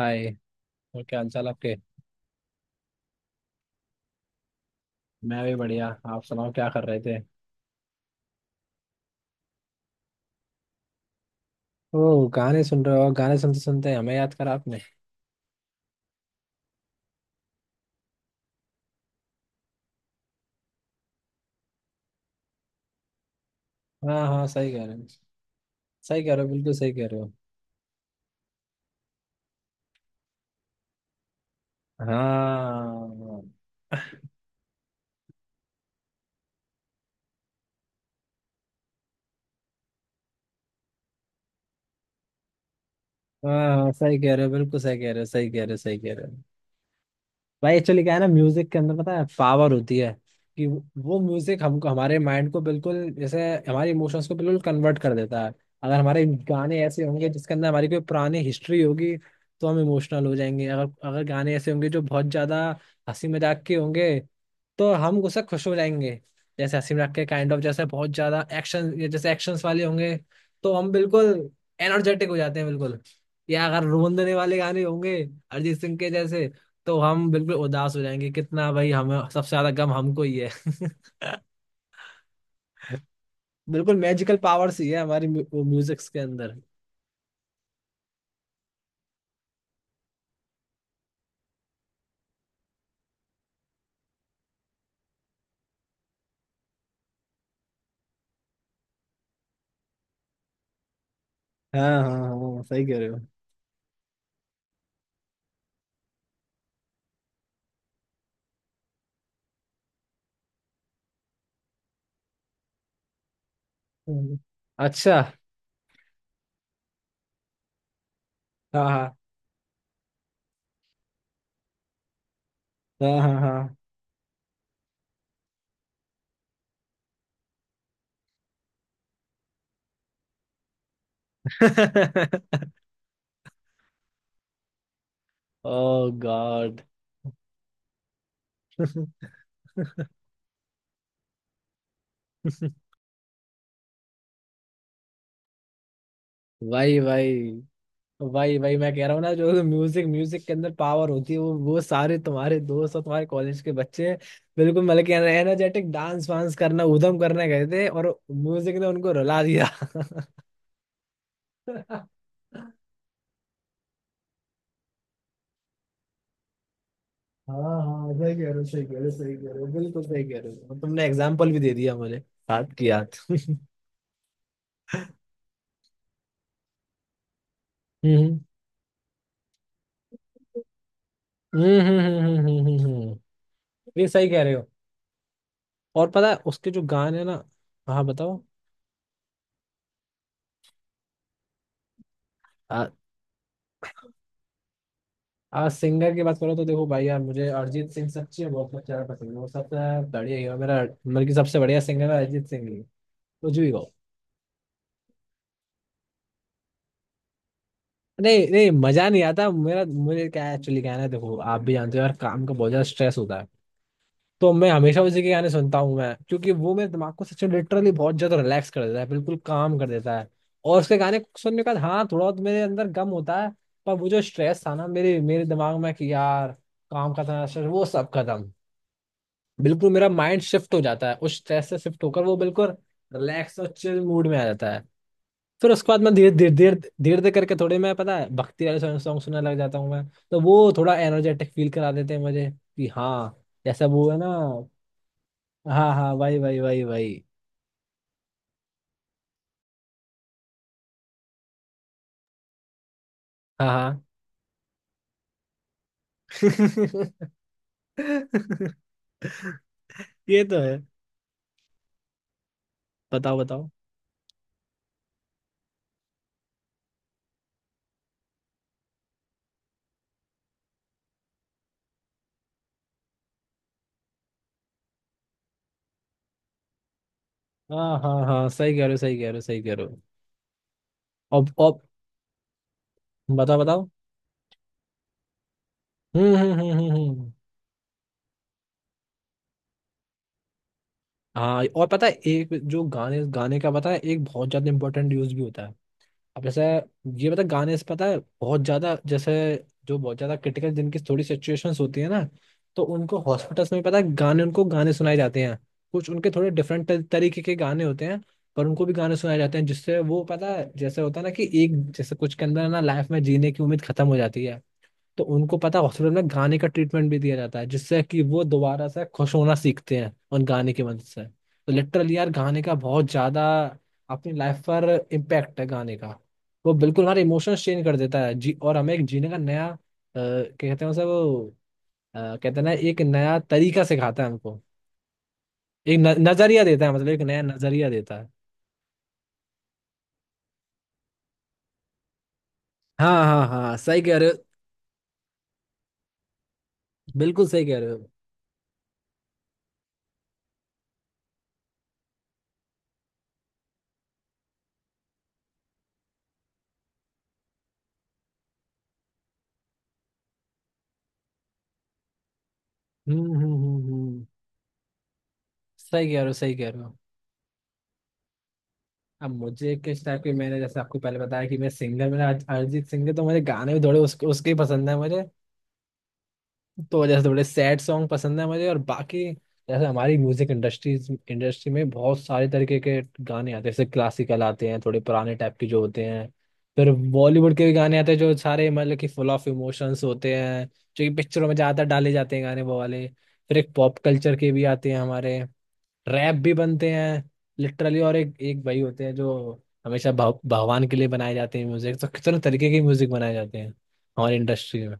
हाय। और क्या हाल चाल आपके। मैं भी बढ़िया। आप सुनाओ क्या कर रहे थे। ओ गाने सुन रहे हो, और गाने सुनते सुनते हमें याद करा आपने। हाँ हाँ, सही कह रहे हो, सही कह रहे हो, बिल्कुल सही कह रहे हो। हाँ हाँ हाँ, सही कह रहे हो, बिल्कुल सही कह रहे हो, सही कह रहे हो, सही कह रहे हो। भाई एक्चुअली क्या है ना, म्यूजिक के अंदर पता है पावर होती है कि वो म्यूजिक हमको, हमारे माइंड को बिल्कुल जैसे हमारे इमोशंस को बिल्कुल कन्वर्ट कर देता है। अगर हमारे गाने ऐसे होंगे जिसके अंदर हमारी कोई पुरानी हिस्ट्री होगी तो हम इमोशनल हो जाएंगे। अगर अगर गाने ऐसे होंगे जो बहुत ज्यादा हंसी मजाक के होंगे तो हम उससे खुश हो जाएंगे। जैसे हंसी मजाक के काइंड ऑफ, जैसे बहुत ज्यादा एक्शन, जैसे एक्शंस वाले होंगे तो हम बिल्कुल एनर्जेटिक हो जाते हैं बिल्कुल। या अगर रोन देने वाले गाने होंगे अरिजीत सिंह के जैसे, तो हम बिल्कुल उदास हो जाएंगे। कितना भाई, हमें सबसे ज्यादा गम हमको ही है। बिल्कुल मैजिकल पावर्स ही है हमारी म्यूजिक्स के अंदर। हाँ हाँ हाँ, सही कह रहे हो। हम्म। अच्छा। हाँ हाँ हाँ हाँ हाँ। ओ गॉड। भाई भाई, वही वही मैं कह रहा हूँ ना, जो म्यूजिक म्यूजिक के अंदर पावर होती है वो, सारे तुम्हारे दोस्त और तुम्हारे कॉलेज के बच्चे बिल्कुल, मतलब कि एनर्जेटिक डांस वांस करना, ऊधम करने गए थे और म्यूजिक ने उनको रुला दिया। हाँ हाँ, सही कह रहे हो, सही कह रहे हो, सही कह रहे हो, बिल्कुल सही कह रहे हो, और तुमने एग्जाम्पल भी दे दिया मुझे याद की याद। हम्म हम्म हम्म हम्म हम्म हम्म, हम्म, हम्म। ये सही कह रहे हो। और पता है उसके जो गाने ना। हाँ बताओ। आज सिंगर की बात करो तो देखो भाई, यार मुझे अरिजीत सिंह सच्ची में बहुत ज्यादा पसंद है। वो सबसे बढ़िया हीरो मेरा, मतलब कि सबसे बढ़िया सिंगर है अरिजीत सिंह ही, कुछ भी कहो। नहीं नहीं, मजा नहीं आता मेरा। मुझे क्या एक्चुअली कहना है, देखो आप भी जानते हो यार, काम का बहुत ज्यादा स्ट्रेस होता है, तो मैं हमेशा उसी के गाने सुनता हूँ मैं, क्योंकि वो मेरे दिमाग को सच में लिटरली बहुत ज्यादा रिलैक्स कर देता है, बिल्कुल काम कर देता है। और उसके गाने सुनने के बाद हाँ थोड़ा बहुत मेरे अंदर गम होता है, पर वो जो स्ट्रेस था ना मेरे मेरे दिमाग में कि यार, काम का था stress, वो सब खत्म। बिल्कुल मेरा माइंड शिफ्ट हो जाता है, उस स्ट्रेस से शिफ्ट होकर वो बिल्कुल रिलैक्स और चिल मूड में आ जाता है। फिर उसके बाद मैं धीरे धीरे धीरे धीरे धीरे करके थोड़े, मैं पता है भक्ति वाले सॉन्ग सुनने लग जाता हूँ मैं, तो वो थोड़ा एनर्जेटिक फील करा देते हैं मुझे कि हाँ, जैसा वो है ना। हाँ हाँ, वही वही वही वही। हाँ हाँ। ये तो है। बताओ बताओ। हाँ हाँ हाँ, सही कह रहे हो, सही कह रहे हो, सही कह रहे हो। अब बताओ बताओ। हम्म हम्म हम्म हम्म हम्म। हाँ, और पता है एक जो गाने गाने का पता है एक बहुत ज्यादा इंपॉर्टेंट यूज भी होता है। अब जैसे ये पता है, गाने से पता है बहुत ज्यादा जैसे, जो बहुत ज्यादा क्रिटिकल जिनकी थोड़ी सिचुएशंस होती है ना, तो उनको हॉस्पिटल्स में पता है गाने, उनको गाने सुनाए जाते हैं। कुछ उनके थोड़े डिफरेंट तरीके के गाने होते हैं, पर उनको भी गाने सुनाए जाते हैं जिससे वो पता है, जैसे होता है ना कि एक जैसे कुछ के अंदर ना लाइफ में जीने की उम्मीद खत्म हो जाती है, तो उनको पता है हॉस्पिटल में गाने का ट्रीटमेंट भी दिया जाता है, जिससे कि वो दोबारा से खुश होना सीखते हैं उन गाने की मदद से। तो लिटरली यार गाने का बहुत ज्यादा अपनी लाइफ पर इम्पैक्ट है गाने का। वो बिल्कुल हमारे इमोशंस चेंज कर देता है जी, और हमें एक जीने का नया क्या कहते हैं उसे वो, कहते हैं ना, एक नया तरीका सिखाता है हमको। एक न, नजरिया देता है, मतलब एक नया नजरिया देता है। हाँ हाँ हाँ, सही कह रहे हो, बिल्कुल सही कह रहे हो। हम्म, सही कह रहे हो, सही कह रहे हो। अब मुझे किस टाइप की, मैंने जैसे आपको पहले बताया कि मैं सिंगर मेरा अरिजीत सिंह है, तो मुझे गाने भी थोड़े उसके उसके ही पसंद है मुझे। तो जैसे थोड़े सैड सॉन्ग पसंद है मुझे और बाकी, जैसे हमारी म्यूजिक इंडस्ट्री इंडस्ट्री में बहुत सारे तरीके के गाने आते हैं। जैसे क्लासिकल आते हैं, थोड़े पुराने टाइप के जो होते हैं, फिर बॉलीवुड के भी गाने आते हैं जो सारे मतलब कि फुल ऑफ इमोशंस होते हैं, जो कि पिक्चरों में ज़्यादातर डाले जाते हैं गाने वो वाले। फिर एक पॉप कल्चर के भी आते हैं हमारे, रैप भी बनते हैं लिटरली, और एक एक भाई होते हैं जो हमेशा भगवान के लिए बनाए जाते हैं म्यूजिक। तो कितने तरीके के म्यूजिक बनाए जाते हैं हमारी इंडस्ट्री में।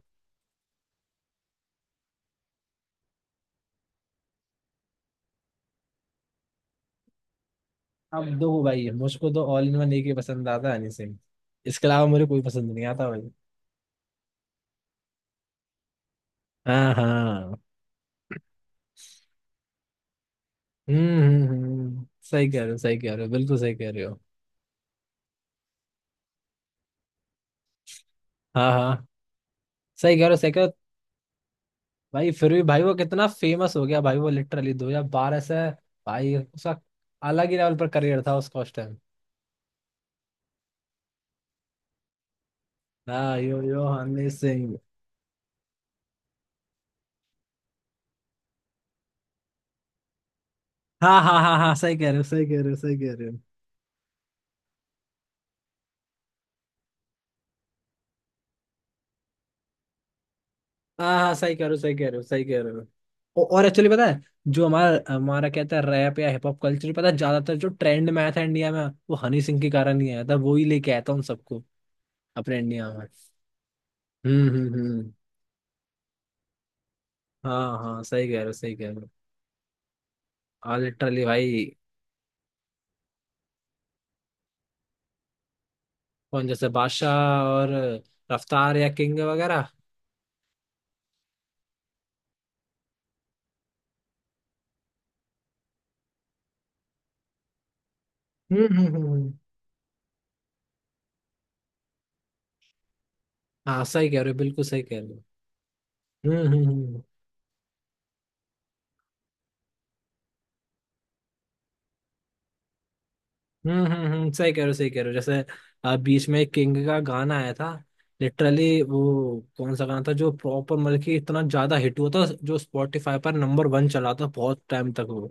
अब दो भाई है मुझको, तो ऑल इन वन एक ही पसंद आता है, हनी सिंह। इसके अलावा मुझे कोई पसंद नहीं आता भाई। हाँ हाँ। हम्म, सही कह रहे हो, सही कह रहे हो, बिल्कुल सही कह रहे हो। हाँ हाँ, सही कह रहे हो, सही कह रहे हो। भाई फिर भी भाई वो कितना फेमस हो गया भाई, वो लिटरली 2012 से भाई उसका अलग ही लेवल पर करियर था उसका उस टाइम। हाँ, यो यो हनी सिंह। हाँ हाँ हाँ हाँ, सही कह रहे हो, सही कह रहे हो, सही कह रहे हो। हाँ हाँ, सही कह रहे हो, सही कह रहे हो, सही कह रहे हो। और एक्चुअली पता है, जो हमारा हमारा कहता है रैप या हिप हॉप कल्चर, पता है ज्यादातर जो ट्रेंड में आया था इंडिया में, वो हनी सिंह के कारण ही आया था, वो ही लेके आया था उन सबको अपने इंडिया में। हम्म। हाँ हाँ, सही कह रहे हो, सही कह रहे हो। हाँ लिटरली भाई। कौन, जैसे बादशाह और रफ्तार या किंग वगैरह। हम्म हम्म हम्म हम्म। हाँ, सही कह रहे हो, बिल्कुल सही कह रहे हो। हम्म हम्म हम्म सही कह रहे हो, सही कह रहे हो। जैसे बीच में एक किंग का गाना आया था लिटरली। वो कौन सा गाना था जो प्रॉपर मतलब कि इतना ज्यादा हिट हुआ था, जो स्पॉटिफाई पर नंबर वन चला था बहुत टाइम तक वो।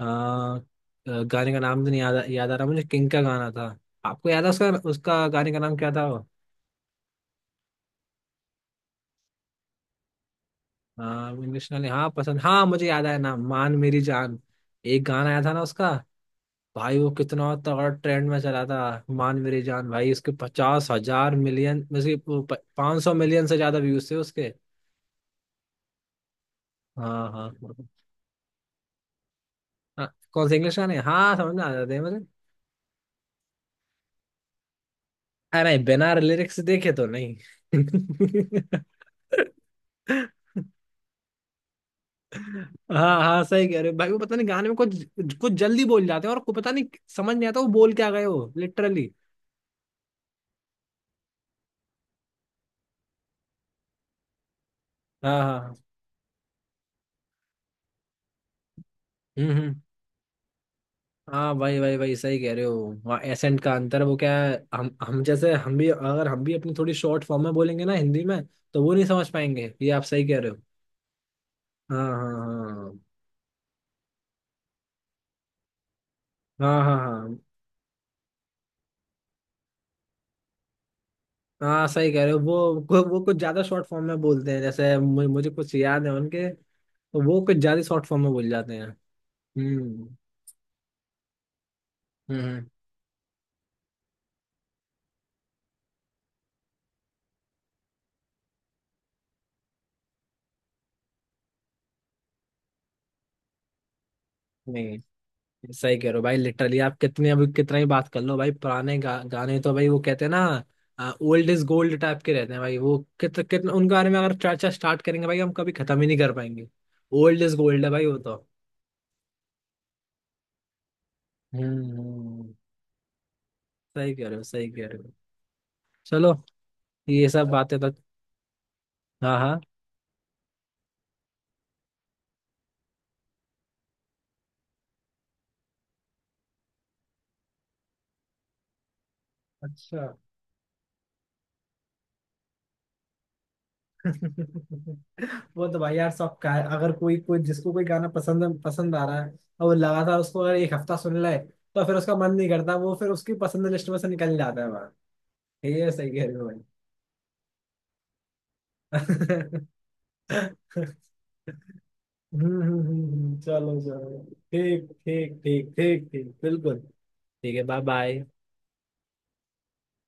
अ, अ, गाने का नाम तो नहीं याद, याद आ रहा मुझे किंग का गाना था। आपको याद है उसका, गाने का नाम क्या था वो। इंग्लिश नाम, हाँ पसंद। हाँ मुझे याद आया नाम, मान मेरी जान। एक गाना आया था ना उसका। भाई वो कितना तगड़ा ट्रेंड में चला था। मान मेरी जान भाई, उसके 50,000 मिलियन में से 500 मिलियन से ज्यादा व्यूज थे उसके। हाँ हाँ। हाँ कौन सा इंग्लिश गाने, हाँ समझ में आ जाते हैं मुझे। अरे बिना लिरिक्स देखे तो नहीं। हाँ हाँ, सही कह रहे हो भाई। वो पता नहीं गाने में कुछ कुछ जल्दी बोल जाते हैं और को पता नहीं, समझ नहीं आता वो बोल क्या गए हो लिटरली। हाँ हाँ। हम्म। हाँ भाई भाई भाई, सही कह रहे हो। वहाँ एसेंट का अंतर वो क्या है, हम जैसे हम भी, अगर हम भी अपनी थोड़ी शॉर्ट फॉर्म में बोलेंगे ना हिंदी में, तो वो नहीं समझ पाएंगे, ये आप सही कह रहे हो। हाँ हाँ हाँ हाँ हाँ हाँ। हाँ सही कह रहे हो, वो कुछ ज्यादा शॉर्ट फॉर्म में बोलते हैं, जैसे मुझे कुछ याद है उनके, तो वो कुछ ज्यादा शॉर्ट फॉर्म में बोल जाते हैं। हम्म हम्म हम्म, नहीं सही कह रहे हो भाई लिटरली, आप कितने अभी कितना ही बात कर लो भाई, पुराने गाने तो भाई वो कहते हैं ना ओल्ड इज गोल्ड टाइप के रहते हैं भाई, वो कितने कितने उनके बारे में अगर चर्चा स्टार्ट करेंगे भाई, हम कभी खत्म ही नहीं कर पाएंगे। ओल्ड इज गोल्ड है भाई वो तो। हम्म हम्म। सही कह रहे हो, सही कह रहे हो। चलो, ये सब बातें तो। हाँ हाँ। अच्छा। वो तो भाई यार सब का है। अगर कोई कोई जिसको कोई गाना पसंद पसंद आ रहा है, और वो लगातार उसको अगर एक हफ्ता सुन ले, तो फिर उसका मन नहीं करता, वो फिर उसकी पसंद लिस्ट में से निकल जाता है। ये सही कह रहे हो भाई। चलो चलो। ठीक ठीक ठीक ठीक ठीक, बिल्कुल। ठीक है, बाय बाय।